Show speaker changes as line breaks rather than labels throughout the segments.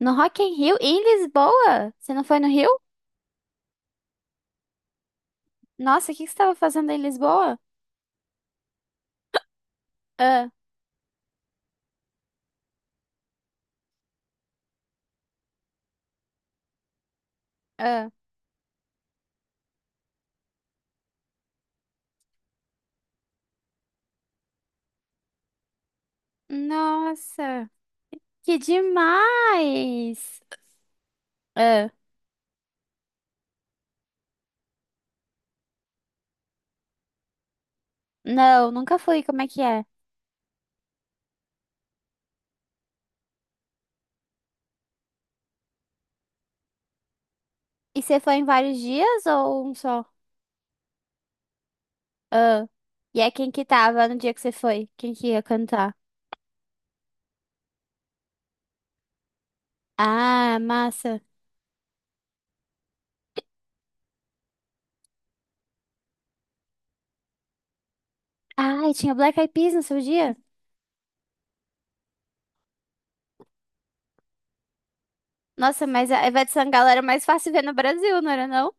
No Rock in Rio? Em Lisboa? Você não foi no Rio? Nossa, o que que você estava fazendo em Lisboa? Ah, ah. Nossa, que demais! Ah, não, nunca fui. Como é que é? E você foi em vários dias ou um só? Ah, e é quem que tava no dia que você foi? Quem que ia cantar? Ah, massa. Ah, e tinha Black Eyed Peas no seu dia? Nossa, mas a Ivete Sangalo era mais fácil ver no Brasil, não era não?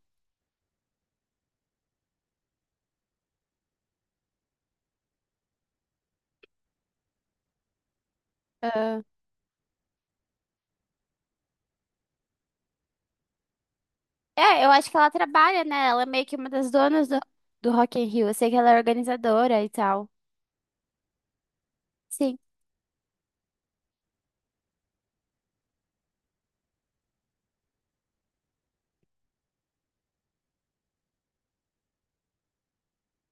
É, eu acho que ela trabalha, né? Ela é meio que uma das donas do Rock in Rio. Eu sei que ela é organizadora e tal. Sim.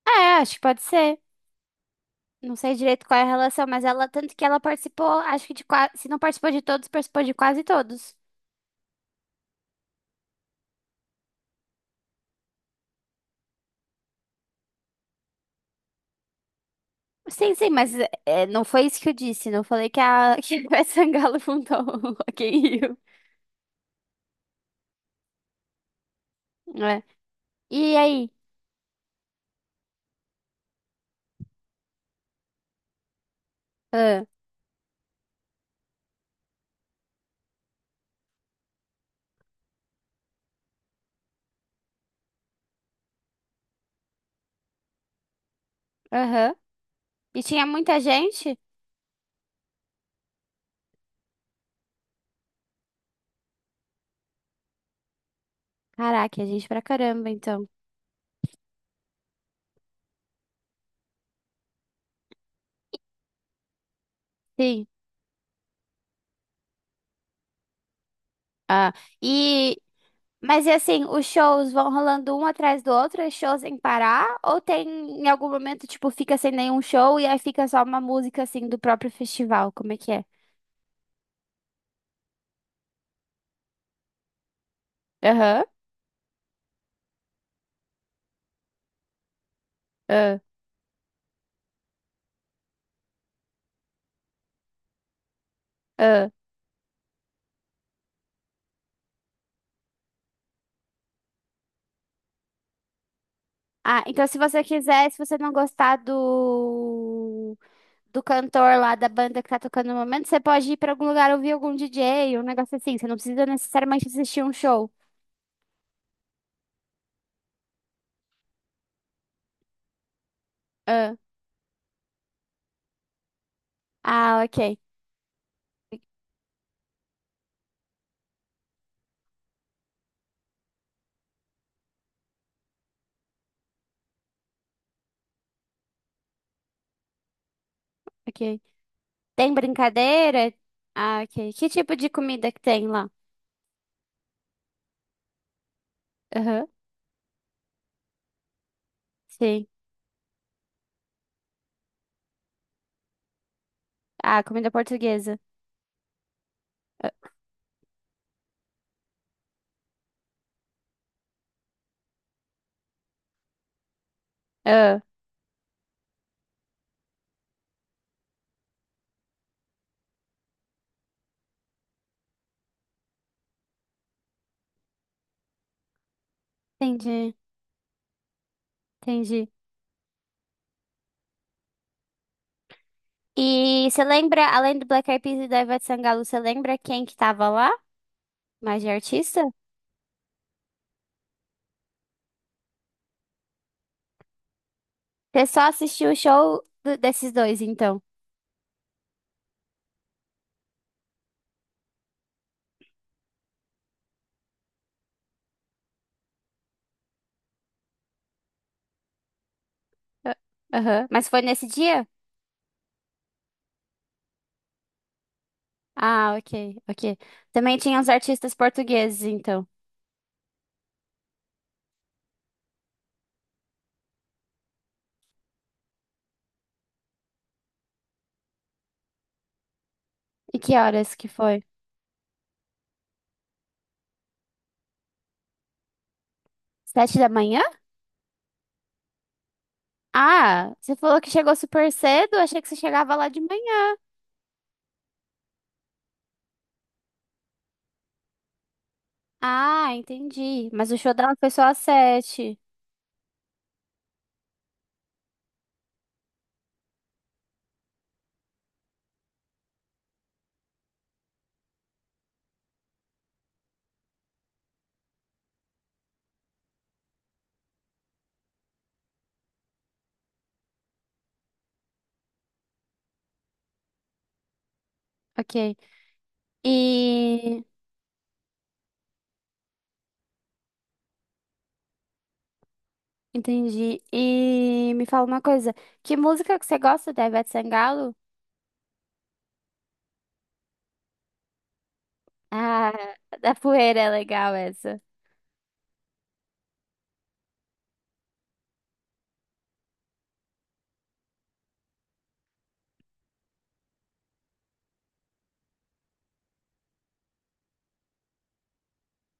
É, acho que pode ser. Não sei direito qual é a relação, mas ela, tanto que ela participou, acho que de quase, se não participou de todos, participou de quase todos. Sim, sim, mas não foi isso que eu disse. Não falei que a que a Ivete Sangalo fundou o Rock in Rio. É. E aí? Ah, Aham. E tinha muita gente? Caraca, é gente pra caramba, então. Sim. Ah, e Mas e assim, os shows vão rolando um atrás do outro, é show sem parar? Ou tem em algum momento, tipo, fica sem nenhum show e aí fica só uma música assim do próprio festival? Como é que é? Aham. ah, ah. Ah, então se você quiser, se você não gostar do do cantor lá da banda que tá tocando no momento, você pode ir pra algum lugar ouvir algum DJ, um negócio assim. Você não precisa necessariamente assistir um show. Ah, ah, ok, ok. Tem brincadeira? Ah, ok. Que tipo de comida que tem lá? Aham. Sim. Ah, comida portuguesa. Ah, entendi, entendi. E você lembra, além do Black Eyed Peas e da Ivete Sangalo, você lembra quem que tava lá? Mais de artista? Você só assistiu o show do- desses dois, então. Ah, Aham. Mas foi nesse dia? Ah, ok, ok. Também tinha os artistas portugueses, então. E que horas que foi? Sete da manhã? Ah, você falou que chegou super cedo, achei que você chegava lá de manhã. Ah, entendi. Mas o show dela foi só às sete. Ok. E entendi. E me fala uma coisa, que música que você gosta da Ivete Sangalo? Ah, da Poeira é legal essa.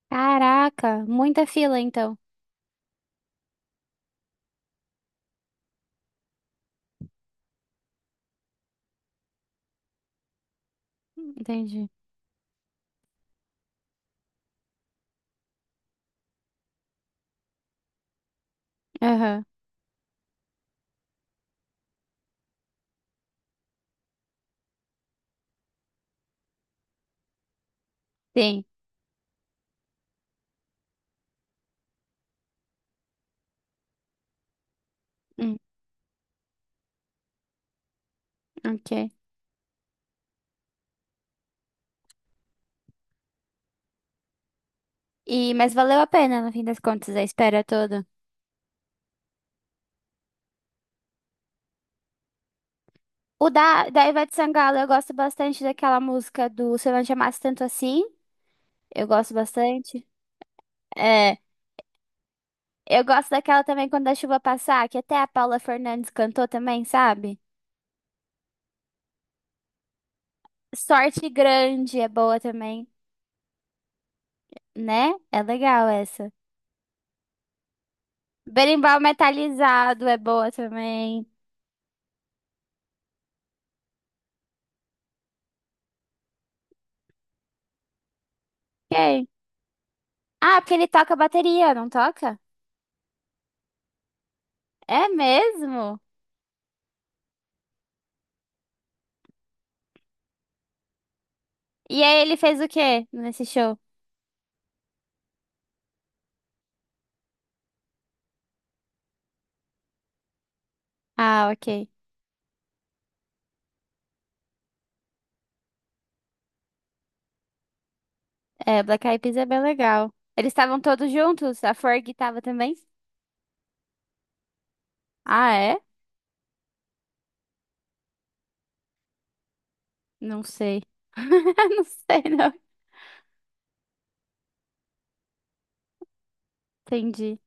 Caraca, muita fila então. Entendi. Aham. Sim. Hum, ok. E mas valeu a pena no fim das contas a espera toda. O da Ivete Sangalo, eu gosto bastante daquela música do Se Eu Não Te Amasse Tanto Assim. Eu gosto bastante. É, eu gosto daquela também quando a chuva passar, que até a Paula Fernandes cantou também, sabe? Sorte grande é boa também, né? É legal essa. Berimbau metalizado é boa também. Quem? Ah, porque ele toca bateria, não toca? É mesmo? E aí ele fez o quê nesse show? Ah, ok. É, Black Eyed Peas é bem legal. Eles estavam todos juntos? A Ferg tava também? Ah, é? Não sei. Não sei, não. Entendi.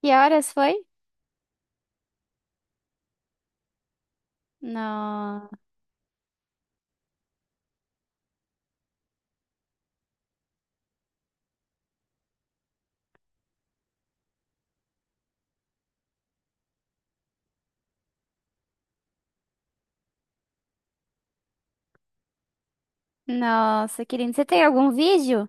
Que horas foi? No... Nossa, querido. Você tem algum vídeo?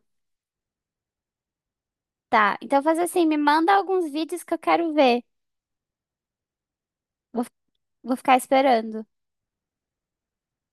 Tá, então faz assim, me manda alguns vídeos que eu quero ver. Vou, vou ficar esperando.